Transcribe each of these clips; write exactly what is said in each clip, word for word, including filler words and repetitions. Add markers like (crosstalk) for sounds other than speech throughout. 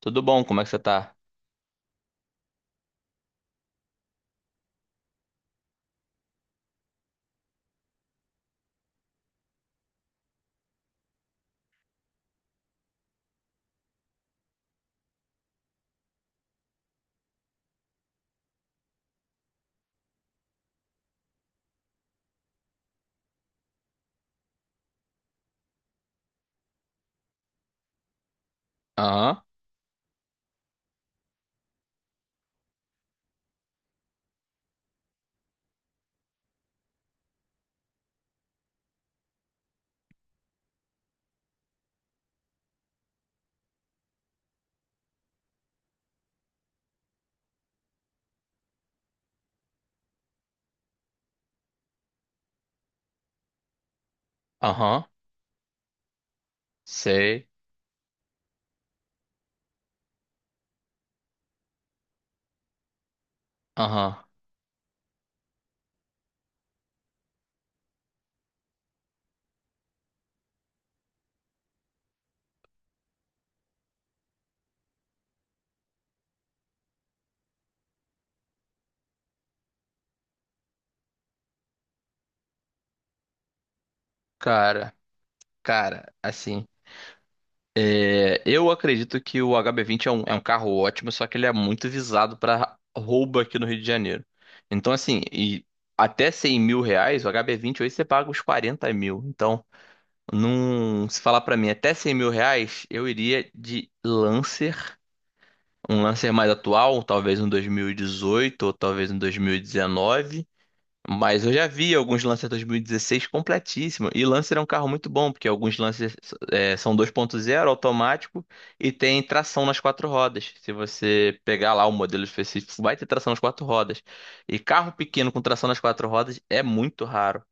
Tudo bom? Como é que você tá? Aham, aham, sei. Aham. Cara, cara, assim. é, eu acredito que o H B vinte é um, é um carro ótimo, só que ele é muito visado pra roubo aqui no Rio de Janeiro. Então, assim, e até cem mil reais, o H B vinte hoje você paga uns quarenta mil. Então, num, se falar pra mim até cem mil reais, eu iria de Lancer. Um Lancer mais atual, talvez um dois mil e dezoito ou talvez um dois mil e dezenove. Mas eu já vi alguns Lancer dois mil e dezesseis completíssimo. E Lancer é um carro muito bom, porque alguns Lancers é, são dois ponto zero automático e tem tração nas quatro rodas. Se você pegar lá o modelo específico, vai ter tração nas quatro rodas. E carro pequeno com tração nas quatro rodas é muito raro.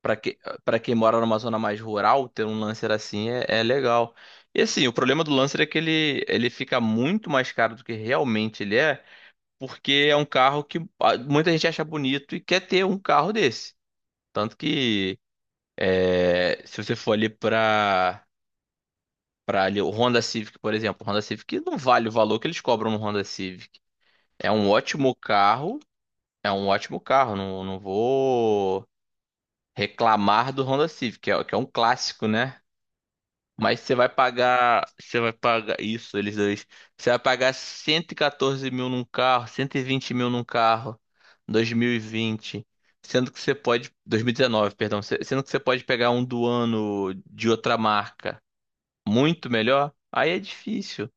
Para que, para quem mora numa zona mais rural, ter um Lancer assim é, é legal. E assim, o problema do Lancer é que ele, ele fica muito mais caro do que realmente ele é, porque é um carro que ah, muita gente acha bonito e quer ter um carro desse. Tanto que é, se você for ali para para ali o Honda Civic, por exemplo, o Honda Civic não vale o valor que eles cobram no Honda Civic. É um ótimo carro, é um ótimo carro, não, não vou reclamar do Honda Civic, que é, que é um clássico, né? Mas você vai pagar, você vai pagar isso, eles dois. Você vai pagar cento e quatorze mil num carro, cento e vinte mil num carro, dois mil e vinte. Sendo que você pode, dois mil e dezenove, perdão, se- sendo que você pode pegar um do ano de outra marca muito melhor, aí é difícil.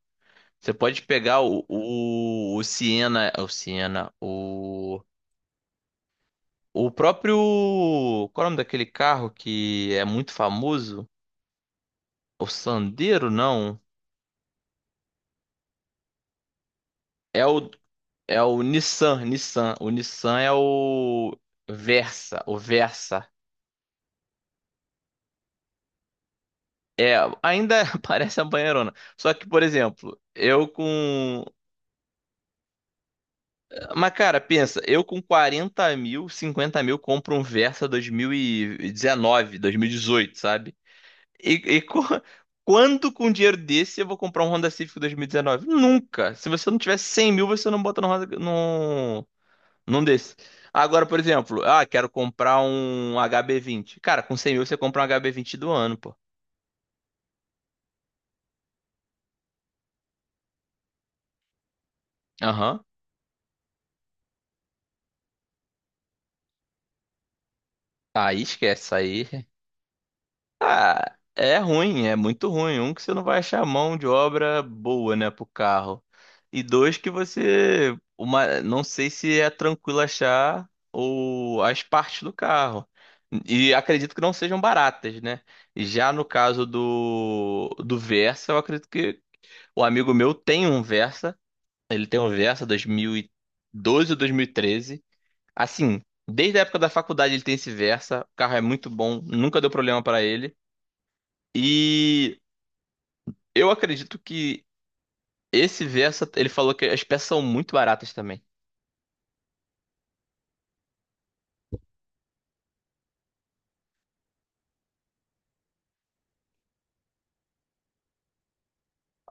Você pode pegar o, o, o Siena, o Siena, o, o próprio, qual é o nome daquele carro que é muito famoso? O Sandero, não. É o, É o Nissan, Nissan. O Nissan é o Versa, o Versa. É, ainda (laughs) parece uma banheirona. Só que, por exemplo, eu com. Mas, cara, pensa, eu com quarenta mil, cinquenta mil compro um Versa dois mil e dezenove, dois mil e dezoito, sabe? E, e co- (laughs) quando com um dinheiro desse eu vou comprar um Honda Civic dois mil e dezenove? Nunca! Se você não tiver cem mil, você não bota no Honda, não desse. Agora, por exemplo, ah, quero comprar um H B vinte. Cara, com cem mil você compra um H B vinte do ano, pô. Aham. Aí esquece, aí. (laughs) Ah, é ruim, é muito ruim. Um, que você não vai achar mão de obra boa, né, pro carro. E dois, que você. Uma, não sei se é tranquilo achar o, as partes do carro. E acredito que não sejam baratas, né? Já no caso do, do Versa, eu acredito que o amigo meu tem um Versa. Ele tem um Versa dois mil e doze ou dois mil e treze. Assim, desde a época da faculdade ele tem esse Versa. O carro é muito bom, nunca deu problema pra ele. E eu acredito que esse Versa, ele falou que as peças são muito baratas também.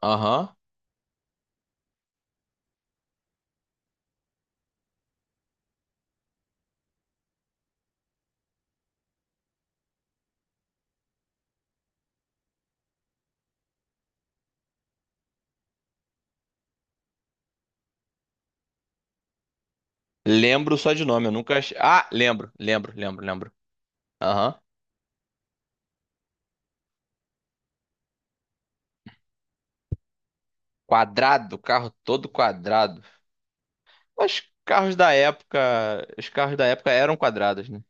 Aham. Lembro só de nome, eu nunca. ach- Ah, lembro, lembro, lembro, lembro. Aham. Quadrado, carro todo quadrado. Os carros da época, os carros da época eram quadrados, né?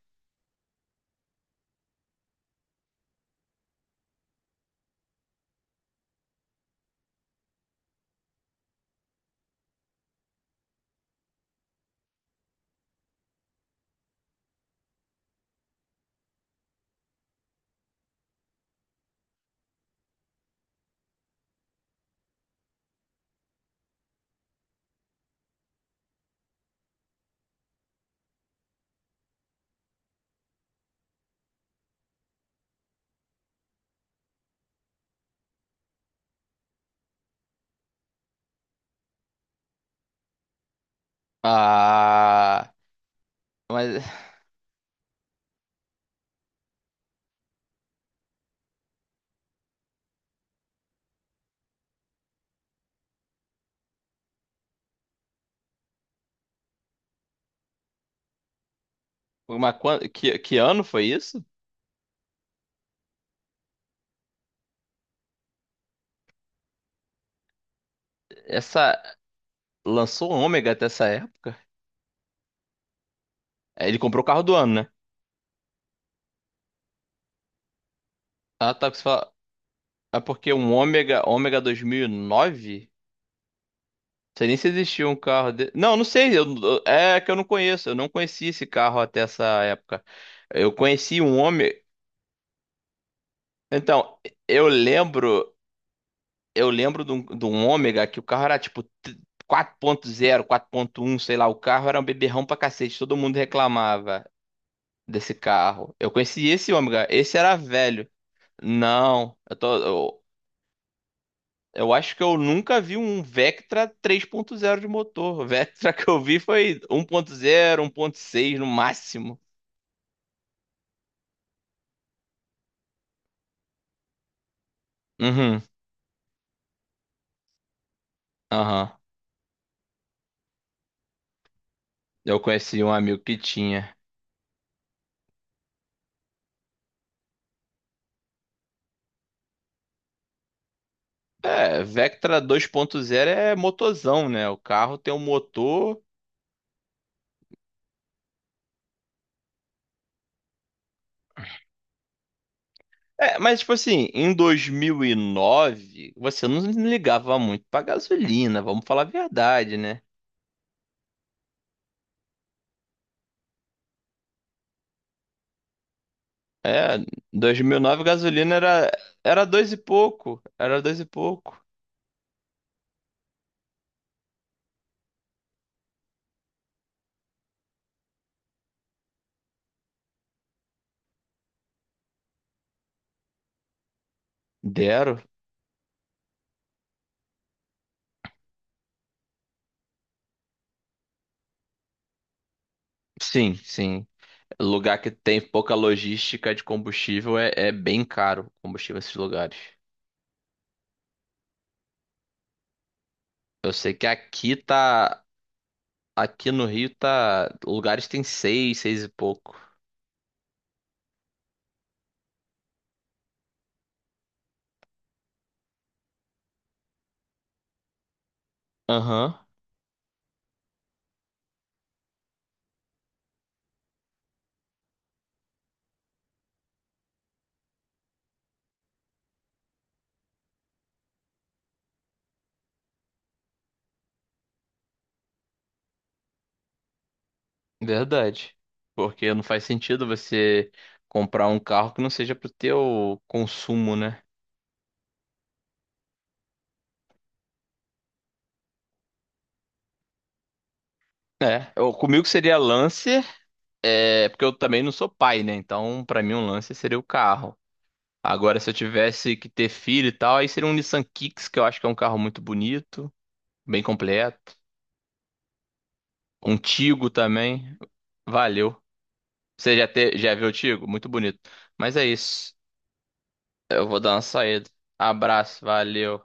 Ah, mas, (laughs) mas quan- que, que ano foi isso? Essa. Lançou um Ômega até essa época? Aí ele comprou o carro do ano, né? Ah, tá. Que você fala... É porque um Ômega, Ômega dois mil e nove? Não sei nem se existia um carro de... Não, não sei. eu- eu- É que eu não conheço. Eu não conheci esse carro até essa época. Eu conheci um Ômega. Então, eu lembro. Eu lembro de um, de um Ômega que o carro era tipo t- quatro ponto zero, quatro ponto um, sei lá. O carro era um beberrão pra cacete. Todo mundo reclamava desse carro. Eu conheci esse Ômega. Esse era velho. Não, eu tô, eu, eu acho que eu nunca vi um Vectra três ponto zero de motor. O Vectra (laughs) que eu vi foi um um ponto zero, um ponto seis no máximo. Uhum, aham. Eu conheci um amigo que tinha. É, Vectra dois ponto zero é motorzão, né? O carro tem um motor. É, mas tipo assim, em dois mil e nove você não ligava muito pra gasolina, vamos falar a verdade, né? É, dois mil e nove gasolina era era dois e pouco, era dois e pouco. Dero? Sim, sim. Lugar que tem pouca logística de combustível é, é bem caro o combustível nesses lugares. Eu sei que aqui tá. Aqui no Rio tá. Lugares tem seis, seis e pouco. Aham, verdade. Porque não faz sentido você comprar um carro que não seja pro teu consumo, né? É, eu- comigo seria Lancer, é, porque eu também não sou pai, né? Então, pra mim, um Lancer seria o carro. Agora, se eu tivesse que ter filho e tal, aí seria um Nissan Kicks, que eu acho que é um carro muito bonito, bem completo. Um Tigo também. Valeu. Você já, te, já viu o Tigo? Muito bonito. Mas é isso. Eu vou dar uma saída. Abraço, valeu.